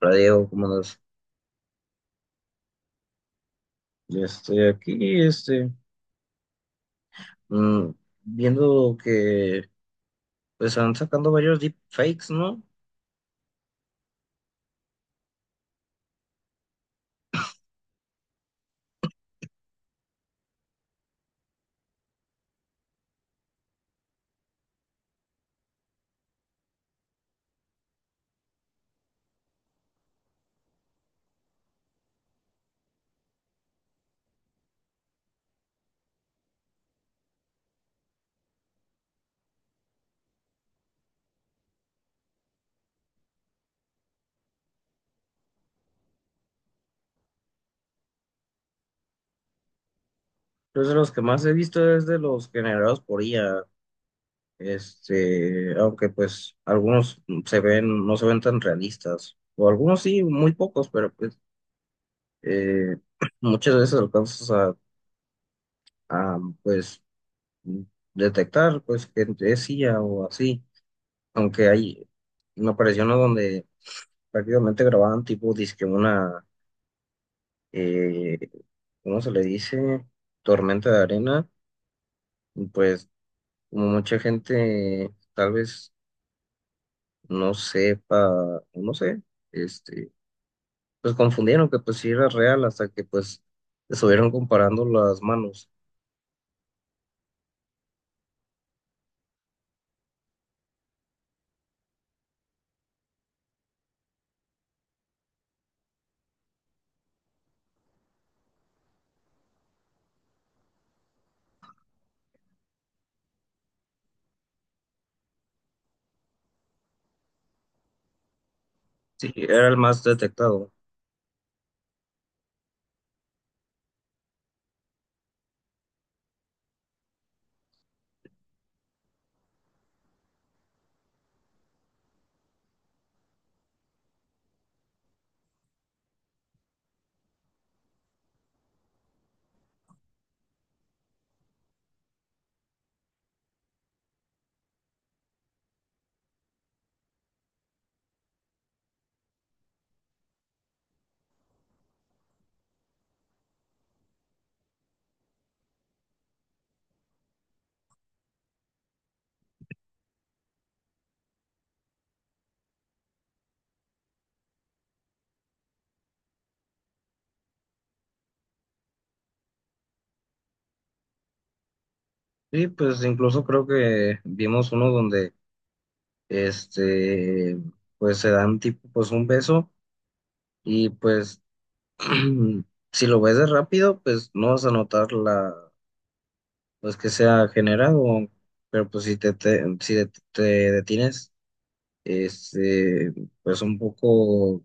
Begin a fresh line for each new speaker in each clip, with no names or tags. Hola Diego, ¿cómo andas? Ya estoy aquí, mm, viendo que pues están sacando varios deepfakes, ¿no? Pues de los que más he visto es de los generados por IA, aunque pues algunos se ven, no se ven tan realistas, o algunos sí, muy pocos, pero eh, muchas veces alcanzas pues detectar pues que es IA o así, aunque hay, me apareció uno donde prácticamente grababan tipo disque una eh, ¿Cómo se le dice? Tormenta de arena, pues como mucha gente tal vez no sepa, o no sé, este, pues confundieron que pues sí era real hasta que pues estuvieron comparando las manos. Sí, era el más detectado. Sí, pues incluso creo que vimos uno donde este, pues se dan tipo pues un beso y pues si lo ves de rápido, pues no vas a notar la pues que sea generado, pero pues si te detienes, este, pues un poco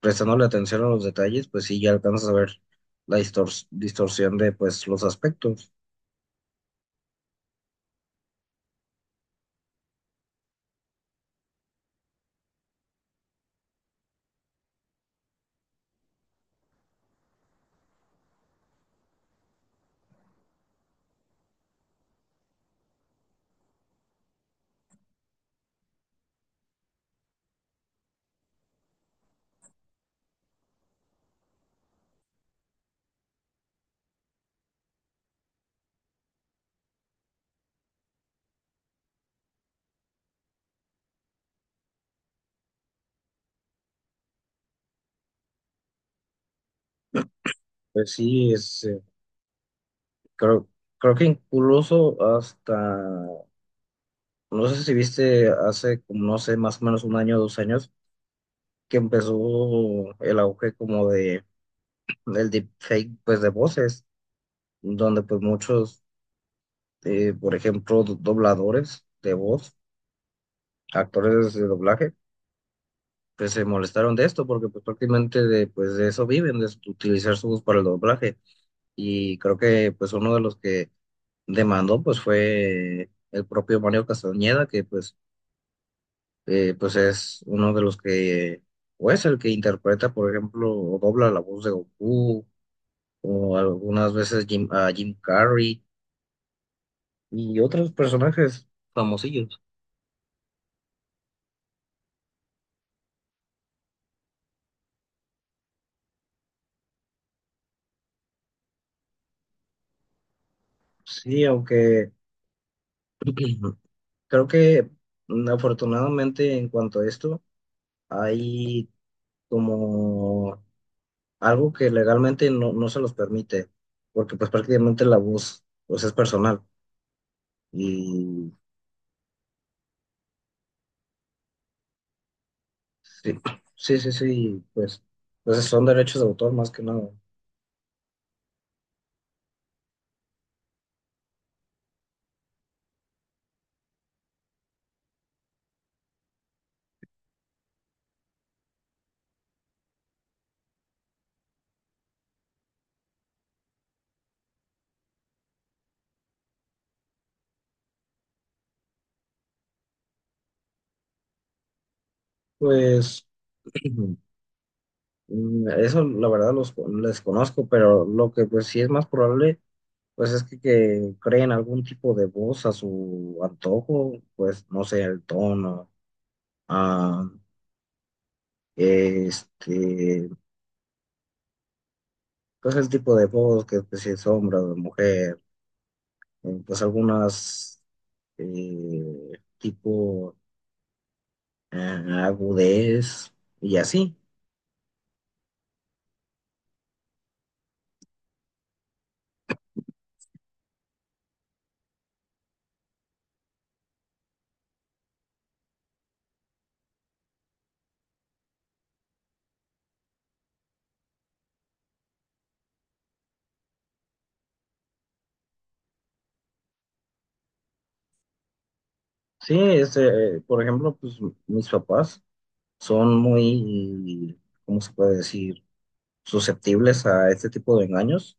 prestándole atención a los detalles, pues sí ya alcanzas a ver la distorsión de pues los aspectos. Pues sí, creo, creo que incluso hasta, no sé si viste hace, como, no sé, más o menos un año o dos años, que empezó el auge del deepfake, pues de voces, donde pues muchos por ejemplo, dobladores de voz, actores de doblaje, pues se molestaron de esto porque pues prácticamente de eso viven, de utilizar su voz para el doblaje. Y creo que pues uno de los que demandó pues fue el propio Mario Castañeda, que pues es uno de los que, o es el que interpreta, por ejemplo, o dobla la voz de Goku, o algunas veces a Jim Carrey y otros personajes famosillos. Sí, aunque... Creo que afortunadamente en cuanto a esto, hay como algo que legalmente no, no se los permite, porque pues prácticamente la voz pues es personal. Y sí, sí, sí, sí, pues, pues son derechos de autor más que nada. Pues mm, eso la verdad les conozco, pero lo que pues sí es más probable, pues es que creen algún tipo de voz a su antojo, pues no sé, el tono. ah, Este, pues el tipo de voz que pues, si es hombre o mujer, pues algunas tipo eh, agudez y así. Sí, por ejemplo, pues mis papás son muy, ¿cómo se puede decir? Susceptibles a este tipo de engaños.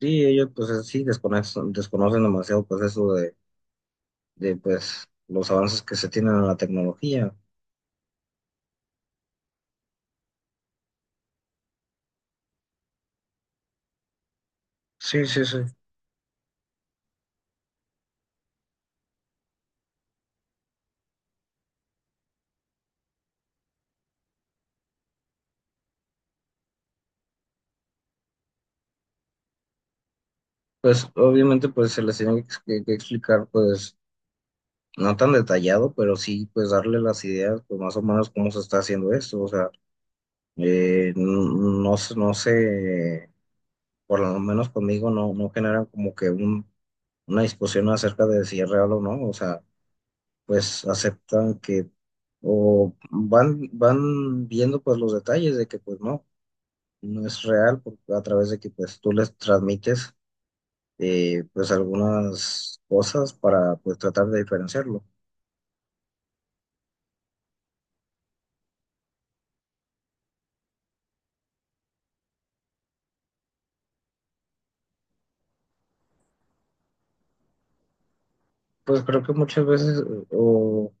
Sí, ellos sí desconocen, desconocen demasiado pues eso de pues los avances que se tienen en la tecnología. Sí, sí, sí. Pues obviamente pues se les tiene explicar pues no tan detallado, pero sí pues darle las ideas pues más o menos cómo se está haciendo esto, o sea, no sé, por lo menos conmigo no, no generan como que una discusión acerca de si es real o no, o sea, pues aceptan que o van, van viendo pues los detalles de que pues no, no es real a través de que pues tú les transmites. Pues algunas cosas para pues tratar de diferenciarlo. Pues creo que muchas veces, o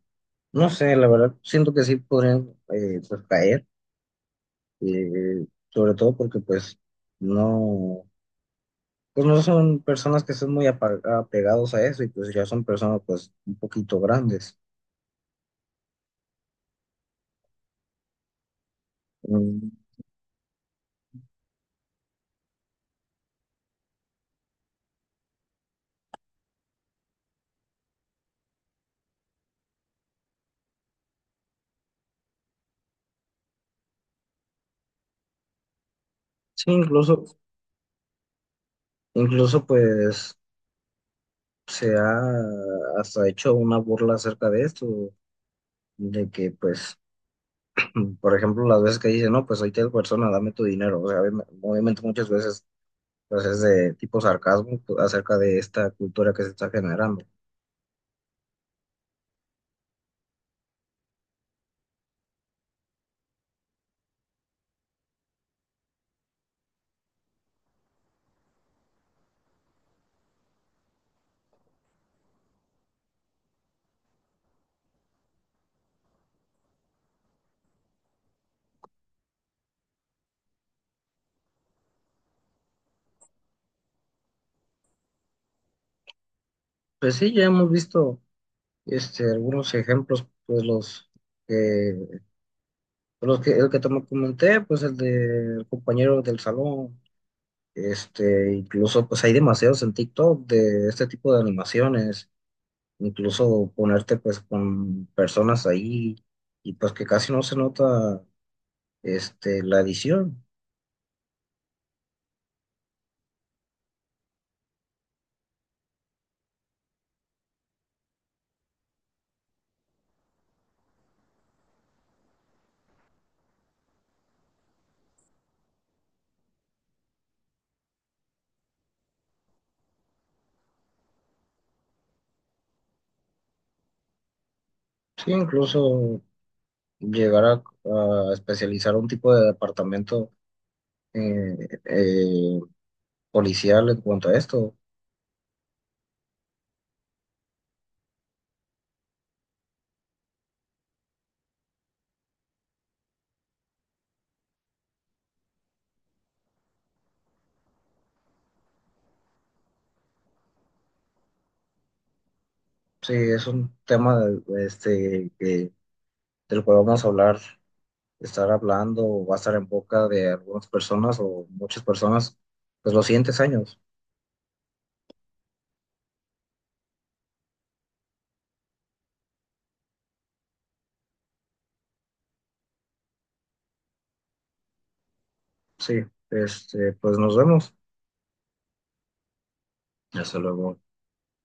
no sé, la verdad, siento que sí podrían pues caer, sobre todo porque no, pues no son personas que estén muy apegados a eso y pues ya son personas pues un poquito grandes. Mm, sí, incluso, incluso pues se ha hasta hecho una burla acerca de esto, de que pues por ejemplo, las veces que dice, no, pues soy tal persona, dame tu dinero. O sea, obviamente muchas veces pues es de tipo sarcasmo pues, acerca de esta cultura que se está generando. Pues sí, ya hemos visto algunos ejemplos, pues que, los que, el que te comenté, pues el del compañero del salón, incluso pues hay demasiados en TikTok de este tipo de animaciones, incluso ponerte pues con personas ahí y pues que casi no se nota la edición. Sí, incluso llegar a especializar un tipo de departamento eh, eh, policial en cuanto a esto. Sí, es un tema del cual vamos a hablar, estar hablando, o va a estar en boca de algunas personas o muchas personas, pues los siguientes años. Sí, pues nos vemos. Hasta luego.